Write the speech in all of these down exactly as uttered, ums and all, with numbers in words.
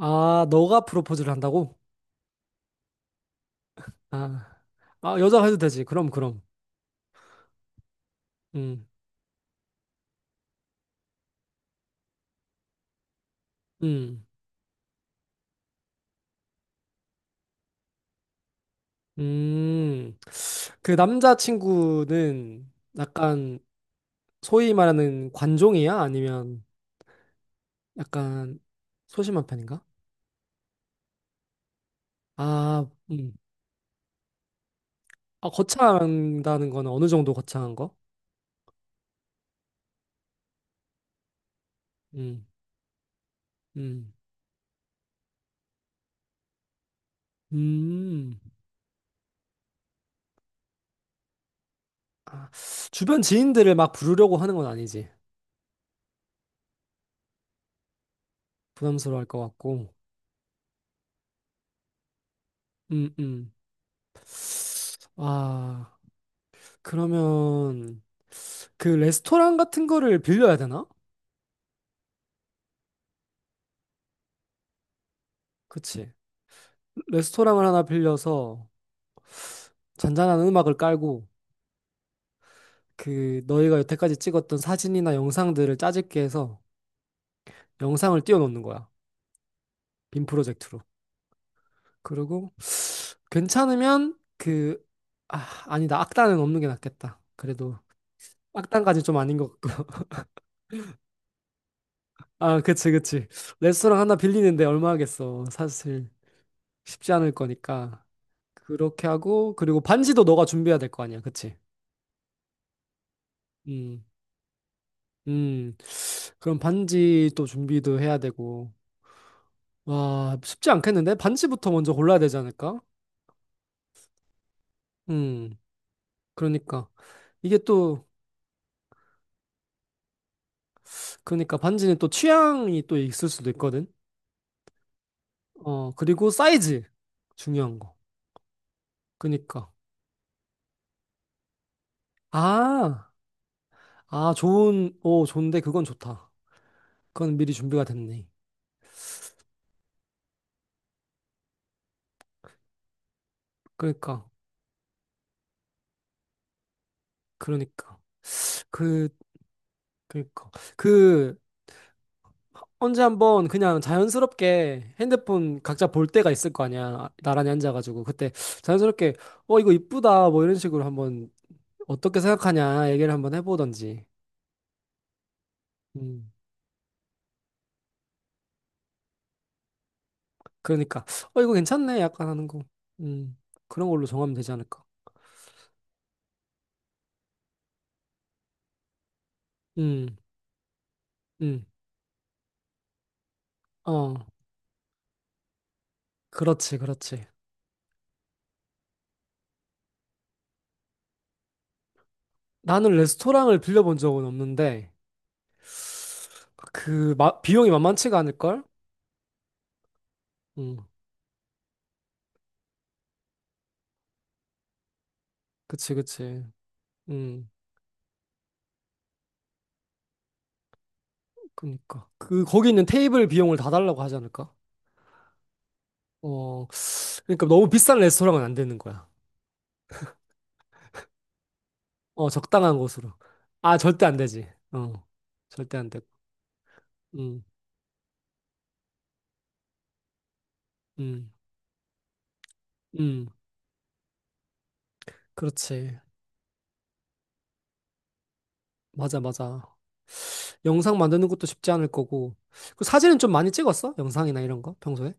아, 너가 프로포즈를 한다고? 아, 아, 여자가 해도 되지. 그럼, 그럼. 음, 음, 음. 그 남자친구는 약간 소위 말하는 관종이야? 아니면 약간 소심한 편인가? 아, 음. 아, 거창한다는 건 어느 정도 거창한 거? 음, 음, 음. 아, 주변 지인들을 막 부르려고 하는 건 아니지. 부담스러워할 것 같고. 음, 음. 아. 그러면 그 레스토랑 같은 거를 빌려야 되나? 그치. 레스토랑을 하나 빌려서 잔잔한 음악을 깔고 그 너희가 여태까지 찍었던 사진이나 영상들을 짜집게 해서 영상을 띄워놓는 거야. 빔 프로젝트로. 그리고 괜찮으면 그, 아, 아니다. 악단은 없는 게 낫겠다. 그래도 악단까지 좀 아닌 것 같고. 아, 그치, 그치. 레스토랑 하나 빌리는데 얼마 하겠어. 사실 쉽지 않을 거니까. 그렇게 하고, 그리고 반지도 너가 준비해야 될 거 아니야. 그치? 음, 음. 그럼 반지 또 준비도 해야 되고. 와, 쉽지 않겠는데? 반지부터 먼저 골라야 되지 않을까? 음, 그러니까. 이게 또, 그러니까 반지는 또 취향이 또 있을 수도 있거든. 어, 그리고 사이즈. 중요한 거. 그러니까. 아, 아, 좋은, 오, 좋은데 그건 좋다. 그건 미리 준비가 됐네. 그러니까, 그러니까. 그, 그러니까. 그, 언제 한번 그냥 자연스럽게 핸드폰 각자 볼 때가 있을 거 아니야. 나란히 앉아가지고. 그때 자연스럽게, 어, 이거 이쁘다. 뭐 이런 식으로 한번 어떻게 생각하냐 얘기를 한번 해보던지. 음, 그러니까, 어, 이거 괜찮네. 약간 하는 거. 음, 그런 걸로 정하면 되지 않을까. 음, 음, 어, 그렇지, 그렇지. 나는 레스토랑을 빌려본 적은 없는데, 그, 마- 비용이 만만치가 않을걸? 음, 그치, 그치. 음, 그니까. 그, 거기 있는 테이블 비용을 다 달라고 하지 않을까? 어, 그러니까 너무 비싼 레스토랑은 안 되는 거야. 어, 적당한 곳으로. 아, 절대 안 되지. 어, 절대 안 되고. 음, 음, 음, 그렇지. 맞아, 맞아. 영상 만드는 것도 쉽지 않을 거고. 그 사진은 좀 많이 찍었어? 영상이나 이런 거 평소에?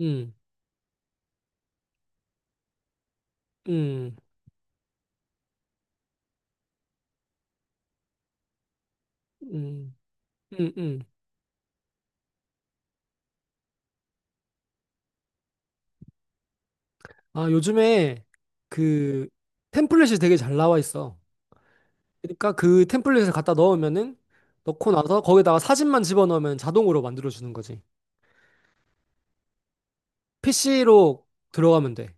음, 음, 음, 음, 음. 아, 요즘에 그 템플릿이 되게 잘 나와 있어. 그러니까 그 템플릿을 갖다 넣으면은 넣고 나서 거기다가 사진만 집어넣으면 자동으로 만들어주는 거지. 피씨로 들어가면 돼.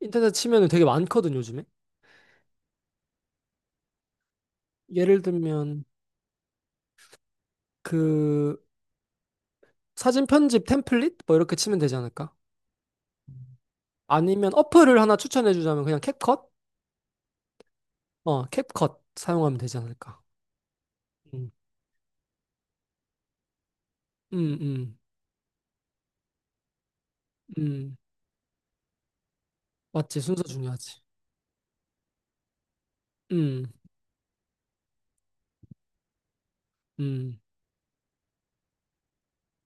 인터넷 치면은 되게 많거든, 요즘에. 예를 들면 그 사진 편집 템플릿 뭐 이렇게 치면 되지 않을까? 아니면 어플을 하나 추천해 주자면 그냥 캡컷? 어, 캡컷 사용하면 되지 않을까? 음. 음, 음. 음. 맞지. 순서 중요하지. 음. 음.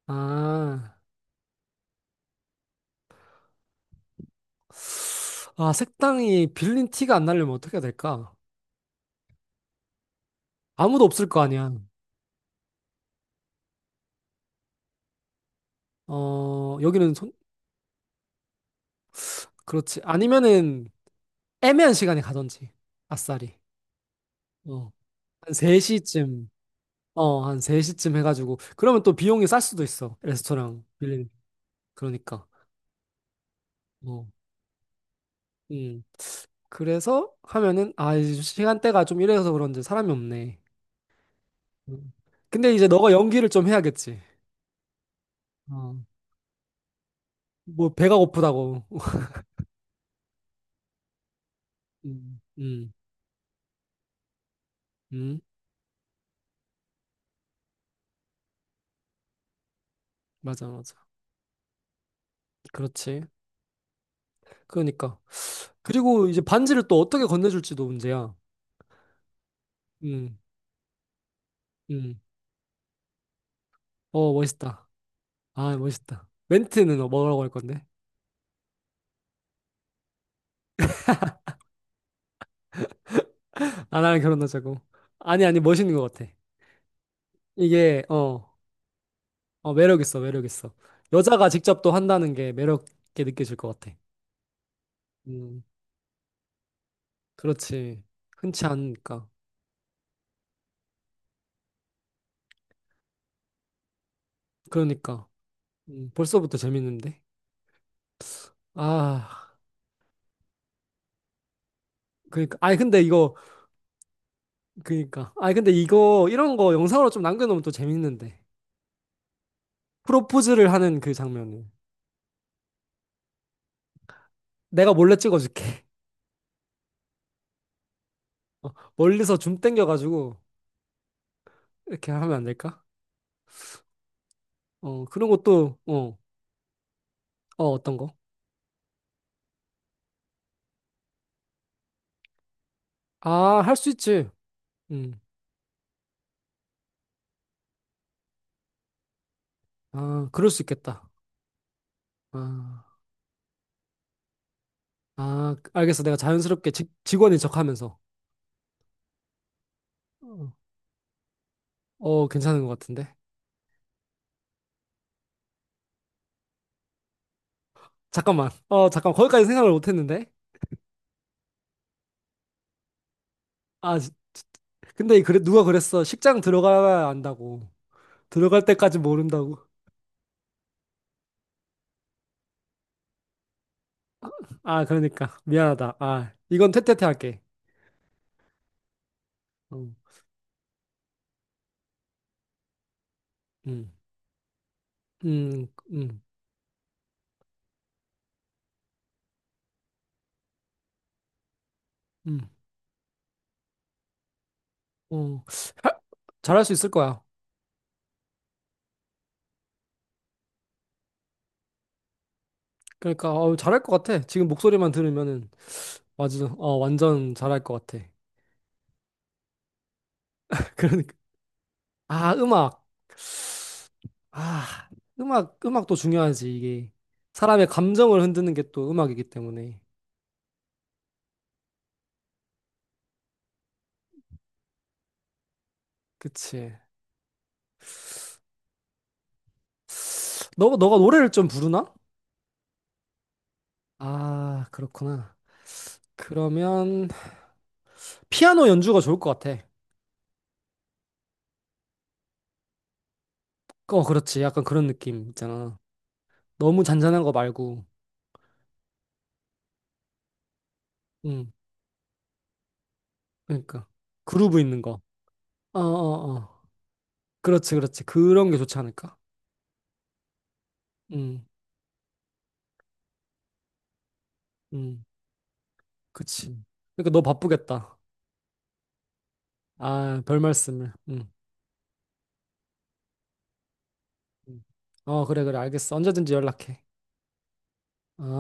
아. 아, 색당이 빌린 티가 안 나려면 어떻게 해야 될까? 아무도 없을 거 아니야. 어, 여기는 손, 그렇지. 아니면은 애매한 시간에 가던지. 아싸리. 어, 한 세 시쯤, 어, 한 세 시쯤 해가지고, 그러면 또 비용이 쌀 수도 있어. 레스토랑 빌리는. 그러니까, 어, 음. 그래서 하면은, 아, 이제 시간대가 좀 이래서 그런지 사람이 없네. 음. 근데 이제 너가 연기를 좀 해야겠지. 어, 뭐, 배가 고프다고. 음, 음, 음, 맞아, 맞아. 그렇지. 그러니까. 그리고 이제 반지를 또 어떻게 건네줄지도 문제야. 음, 음. 어, 멋있다. 아, 멋있다. 멘트는 뭐, 뭐라고 할 건데? 아, 나랑 결혼하자고. 아니, 아니, 멋있는 것 같아. 이게, 어, 어, 매력 있어, 매력 있어. 여자가 직접 또 한다는 게 매력 있게 느껴질 것 같아. 음, 그렇지. 흔치 않으니까. 그러니까. 음, 벌써부터 재밌는데? 아, 그니까. 아니, 근데 이거, 그니까. 아니, 근데 이거, 이런 거 영상으로 좀 남겨놓으면 또 재밌는데. 프로포즈를 하는 그 장면을. 내가 몰래 찍어줄게. 어, 멀리서 줌 땡겨가지고, 이렇게 하면 안 될까? 어, 그런 것도, 어, 어, 어떤 거? 아, 할 수 있지. 음. 아, 그럴 수 있겠다. 아, 아, 알겠어. 내가 자연스럽게 직, 직원인 척 하면서. 어, 어, 괜찮은 것 같은데. 잠깐만. 어, 잠깐. 거기까지 생각을 못 했는데. 아, 지- 지- 근데 그래, 누가 그랬어. 식장 들어가야 안다고. 들어갈 때까지 모른다고. 아, 그러니까. 미안하다. 아, 이건 퇴퇴퇴 할게. 어, 음, 음, 음, 음. 어, 하- 잘할 수 있을 거야. 그러니까, 어, 잘할 것 같아. 지금 목소리만 들으면은. 맞아. 어, 완전 잘할 것 같아. 그러니까. 아, 음악. 아, 음악, 음악도 중요하지, 이게. 사람의 감정을 흔드는 게 또 음악이기 때문에. 그치. 너, 너가 노래를 좀 부르나? 아, 그렇구나. 그러면, 피아노 연주가 좋을 것 같아. 어, 그렇지. 약간 그런 느낌 있잖아. 너무 잔잔한 거 말고. 응, 그러니까. 그루브 있는 거. 어, 어, 어. 그렇지, 그렇지. 그런 게 좋지 않을까? 응, 응. 그치. 그러니까 너 바쁘겠다. 아, 별 말씀을. 응. 응. 어, 그래, 그래, 알겠어. 언제든지 연락해. 어.